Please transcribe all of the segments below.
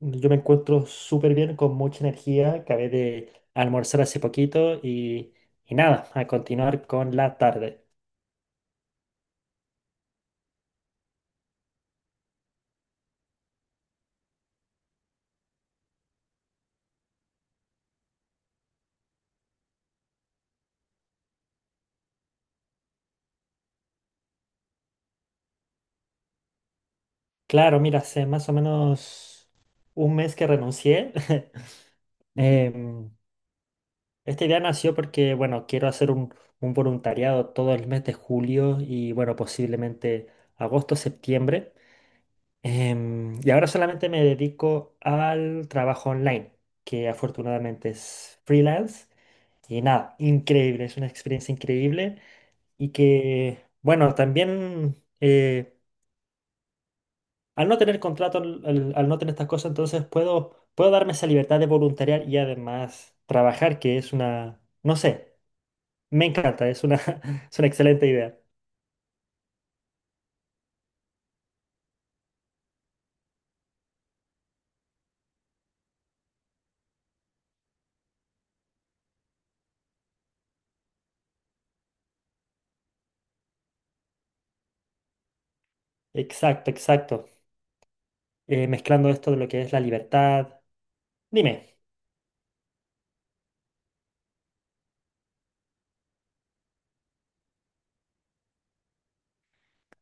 Yo me encuentro súper bien, con mucha energía. Acabé de almorzar hace poquito y nada, a continuar con la tarde. Claro, mira, hace más o menos un mes que renuncié. Em, Esta idea nació porque, bueno, quiero hacer un voluntariado todo el mes de julio y, bueno, posiblemente agosto, septiembre. Y ahora solamente me dedico al trabajo online, que afortunadamente es freelance. Y nada, increíble, es una experiencia increíble y que, bueno, también al no tener contrato, al no tener estas cosas, entonces puedo darme esa libertad de voluntariar y además trabajar, que es una, no sé, me encanta, es una, es una excelente idea. Exacto, exacto. Mezclando esto de lo que es la libertad. Dime,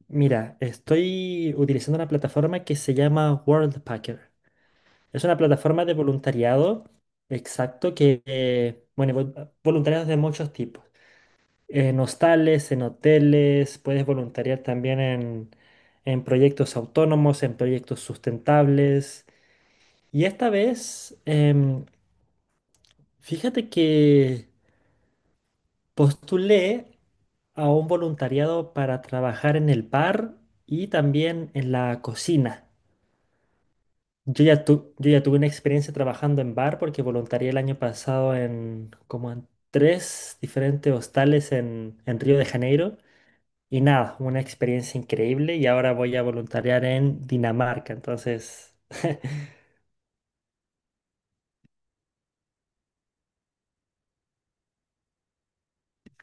mira, estoy utilizando una plataforma que se llama Worldpacker. Es una plataforma de voluntariado, exacto, que, bueno, voluntariados de muchos tipos. En hostales, en hoteles, puedes voluntariar también en, proyectos autónomos, en proyectos sustentables. Y esta vez, fíjate que postulé a un voluntariado para trabajar en el bar y también en la cocina. Yo ya tuve una experiencia trabajando en bar porque voluntarié el año pasado en como en tres diferentes hostales en Río de Janeiro. Y nada, una experiencia increíble y ahora voy a voluntariar en Dinamarca. Entonces,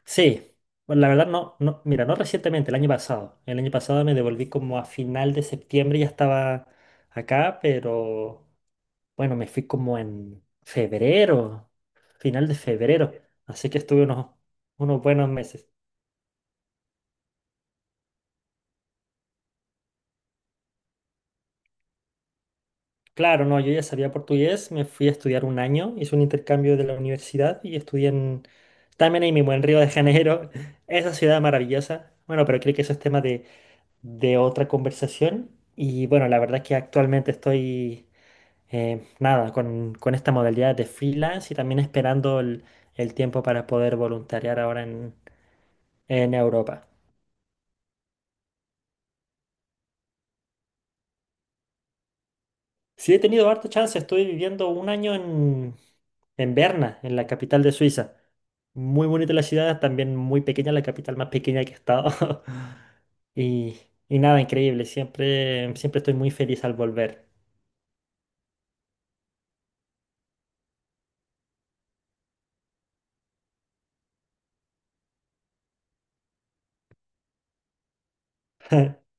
sí, bueno, la verdad no, no, mira, no recientemente, el año pasado. El año pasado me devolví como a final de septiembre, ya estaba acá, pero bueno, me fui como en febrero, final de febrero. Así que estuve unos, buenos meses. Claro, no, yo ya sabía portugués, me fui a estudiar un año, hice un intercambio de la universidad y estudié en, también ahí mismo, en Río de Janeiro, esa ciudad maravillosa. Bueno, pero creo que eso es tema de, otra conversación. Y bueno, la verdad es que actualmente estoy, nada, con, esta modalidad de freelance y también esperando el, tiempo para poder voluntariar ahora en Europa. Sí, he tenido harta chance, estoy viviendo un año en Berna, en la capital de Suiza. Muy bonita la ciudad, también muy pequeña, la capital más pequeña que he estado. Y, y nada, increíble, siempre, siempre estoy muy feliz al volver.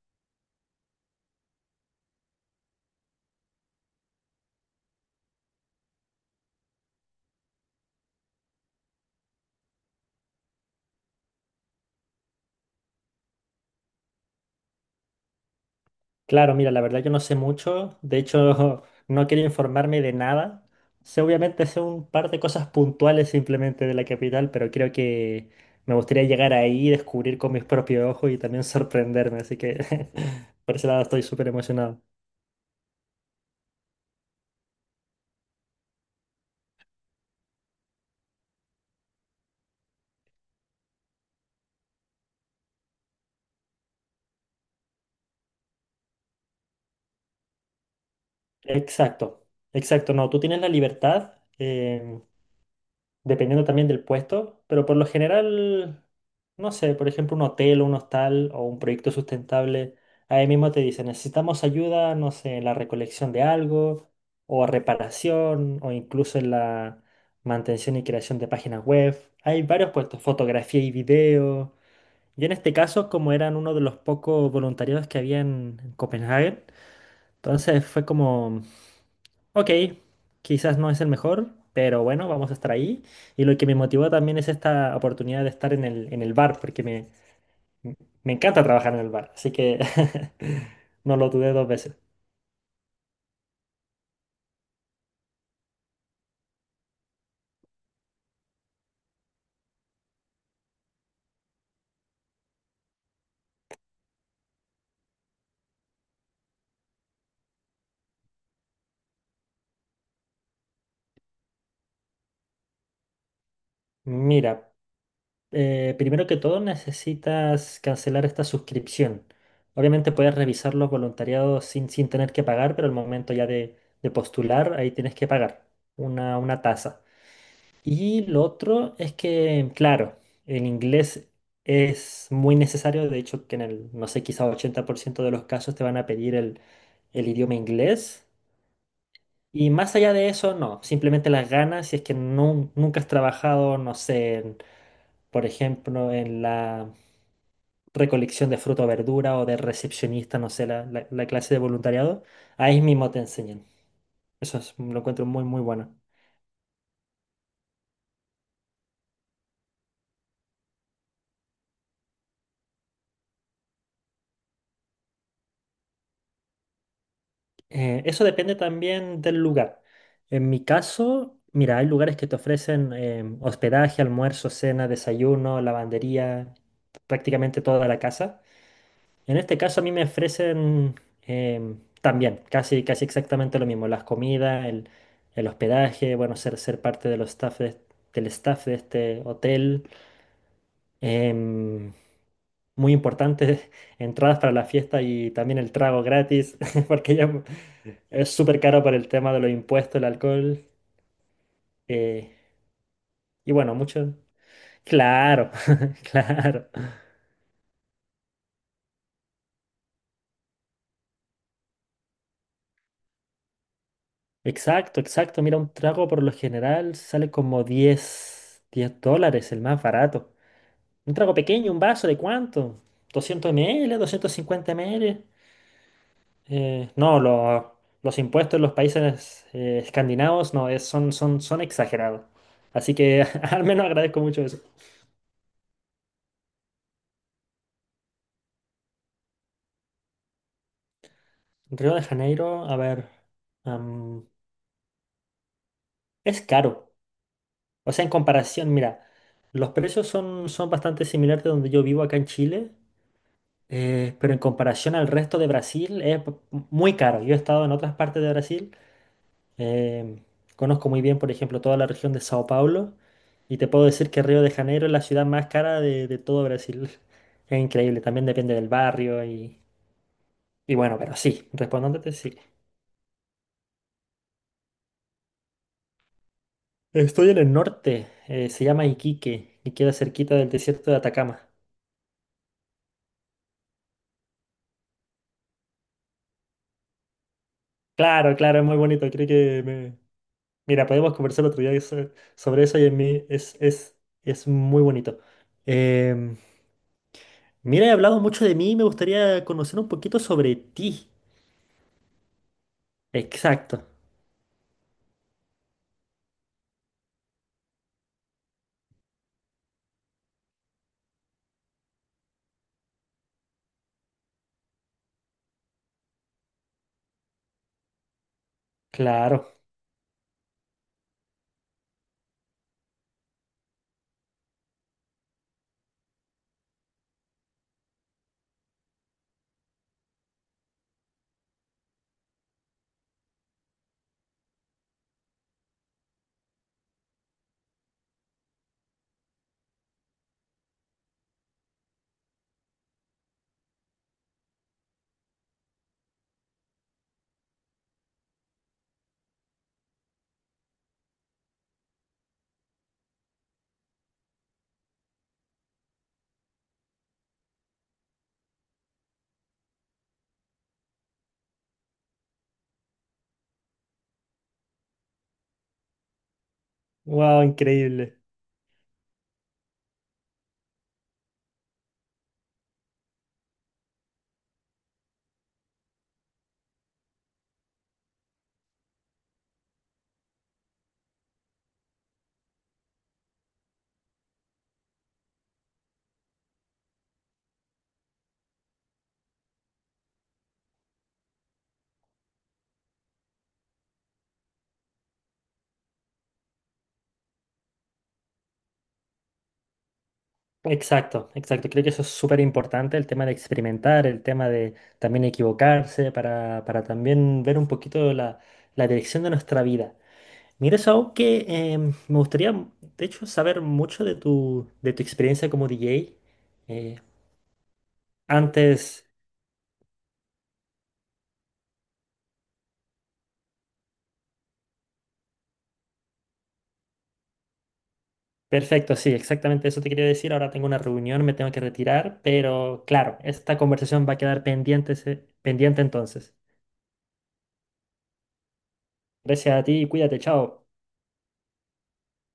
Claro, mira, la verdad yo no sé mucho, de hecho no quiero informarme de nada. Sé obviamente sé un par de cosas puntuales simplemente de la capital, pero creo que me gustaría llegar ahí y descubrir con mis propios ojos y también sorprenderme, así que por ese lado estoy súper emocionado. Exacto, exacto, no, tú tienes la libertad, dependiendo también del puesto, pero por lo general, no sé, por ejemplo, un hotel o un hostal o un proyecto sustentable, ahí mismo te dicen, necesitamos ayuda, no sé, en la recolección de algo, o reparación, o incluso en la mantención y creación de páginas web. Hay varios puestos, fotografía y video. Yo en este caso, como eran uno de los pocos voluntariados que había en Copenhague, entonces fue como. Ok, quizás no es el mejor, pero bueno, vamos a estar ahí. Y lo que me motivó también es esta oportunidad de estar en el bar, porque me encanta trabajar en el bar, así que no lo dudé dos veces. Mira, primero que todo necesitas cancelar esta suscripción. Obviamente puedes revisar los voluntariados sin, tener que pagar, pero al momento ya de, postular, ahí tienes que pagar una tasa. Y lo otro es que, claro, el inglés es muy necesario, de hecho que en el, no sé, quizá 80% de los casos te van a pedir el idioma inglés. Y más allá de eso, no, simplemente las ganas, si es que nunca has trabajado, no sé, por ejemplo, en la recolección de fruta o verdura o de recepcionista, no sé, la clase de voluntariado, ahí mismo te enseñan. Lo encuentro muy, muy bueno. Eso depende también del lugar. En mi caso, mira, hay lugares que te ofrecen hospedaje, almuerzo, cena, desayuno, lavandería, prácticamente toda la casa. En este caso a mí me ofrecen también casi, casi exactamente lo mismo, las comidas, el, hospedaje, bueno, ser parte de los staff del staff de este hotel. Em, Muy importantes, entradas para la fiesta y también el trago gratis, porque ya es súper caro por el tema de los impuestos, el alcohol. eh, y bueno, mucho. Claro, claro. Exacto, exacto. Mira, un trago por lo general sale como diez dólares, el más barato. Un trago pequeño, un vaso, ¿de cuánto? ¿200 ml? ¿50 ml? No, los impuestos en los países escandinavos no, son exagerados. Así que al menos agradezco mucho eso. Río de Janeiro, a ver, am, es caro. O sea, en comparación, mira, los precios son bastante similares de donde yo vivo acá en Chile, pero en comparación al resto de Brasil es muy caro. Yo he estado en otras partes de Brasil. Em, Conozco muy bien, por ejemplo, toda la región de Sao Paulo y te puedo decir que Río de Janeiro es la ciudad más cara de, todo Brasil. Es increíble, también depende del barrio y bueno, pero sí, respondiéndote, sí. Estoy en el norte, se llama Iquique y queda cerquita del desierto de Atacama. Claro, claro, es muy bonito, creo que me. Mira, podemos conversar otro día sobre eso y en mí es, muy bonito. Em, Mira, he hablado mucho de mí y me gustaría conocer un poquito sobre ti. Exacto, claro. Wow, increíble. Exacto, exacto. Creo que eso es súper importante, el tema de experimentar, el tema de también equivocarse para, también ver un poquito la dirección de nuestra vida. Mira, eso algo que me gustaría, de hecho, saber mucho de tu experiencia como DJ. Eh, Antes, perfecto, sí, exactamente eso te quería decir. Ahora tengo una reunión, me tengo que retirar, pero claro, esta conversación va a quedar pendiente, pendiente entonces. Gracias a ti, cuídate, chao.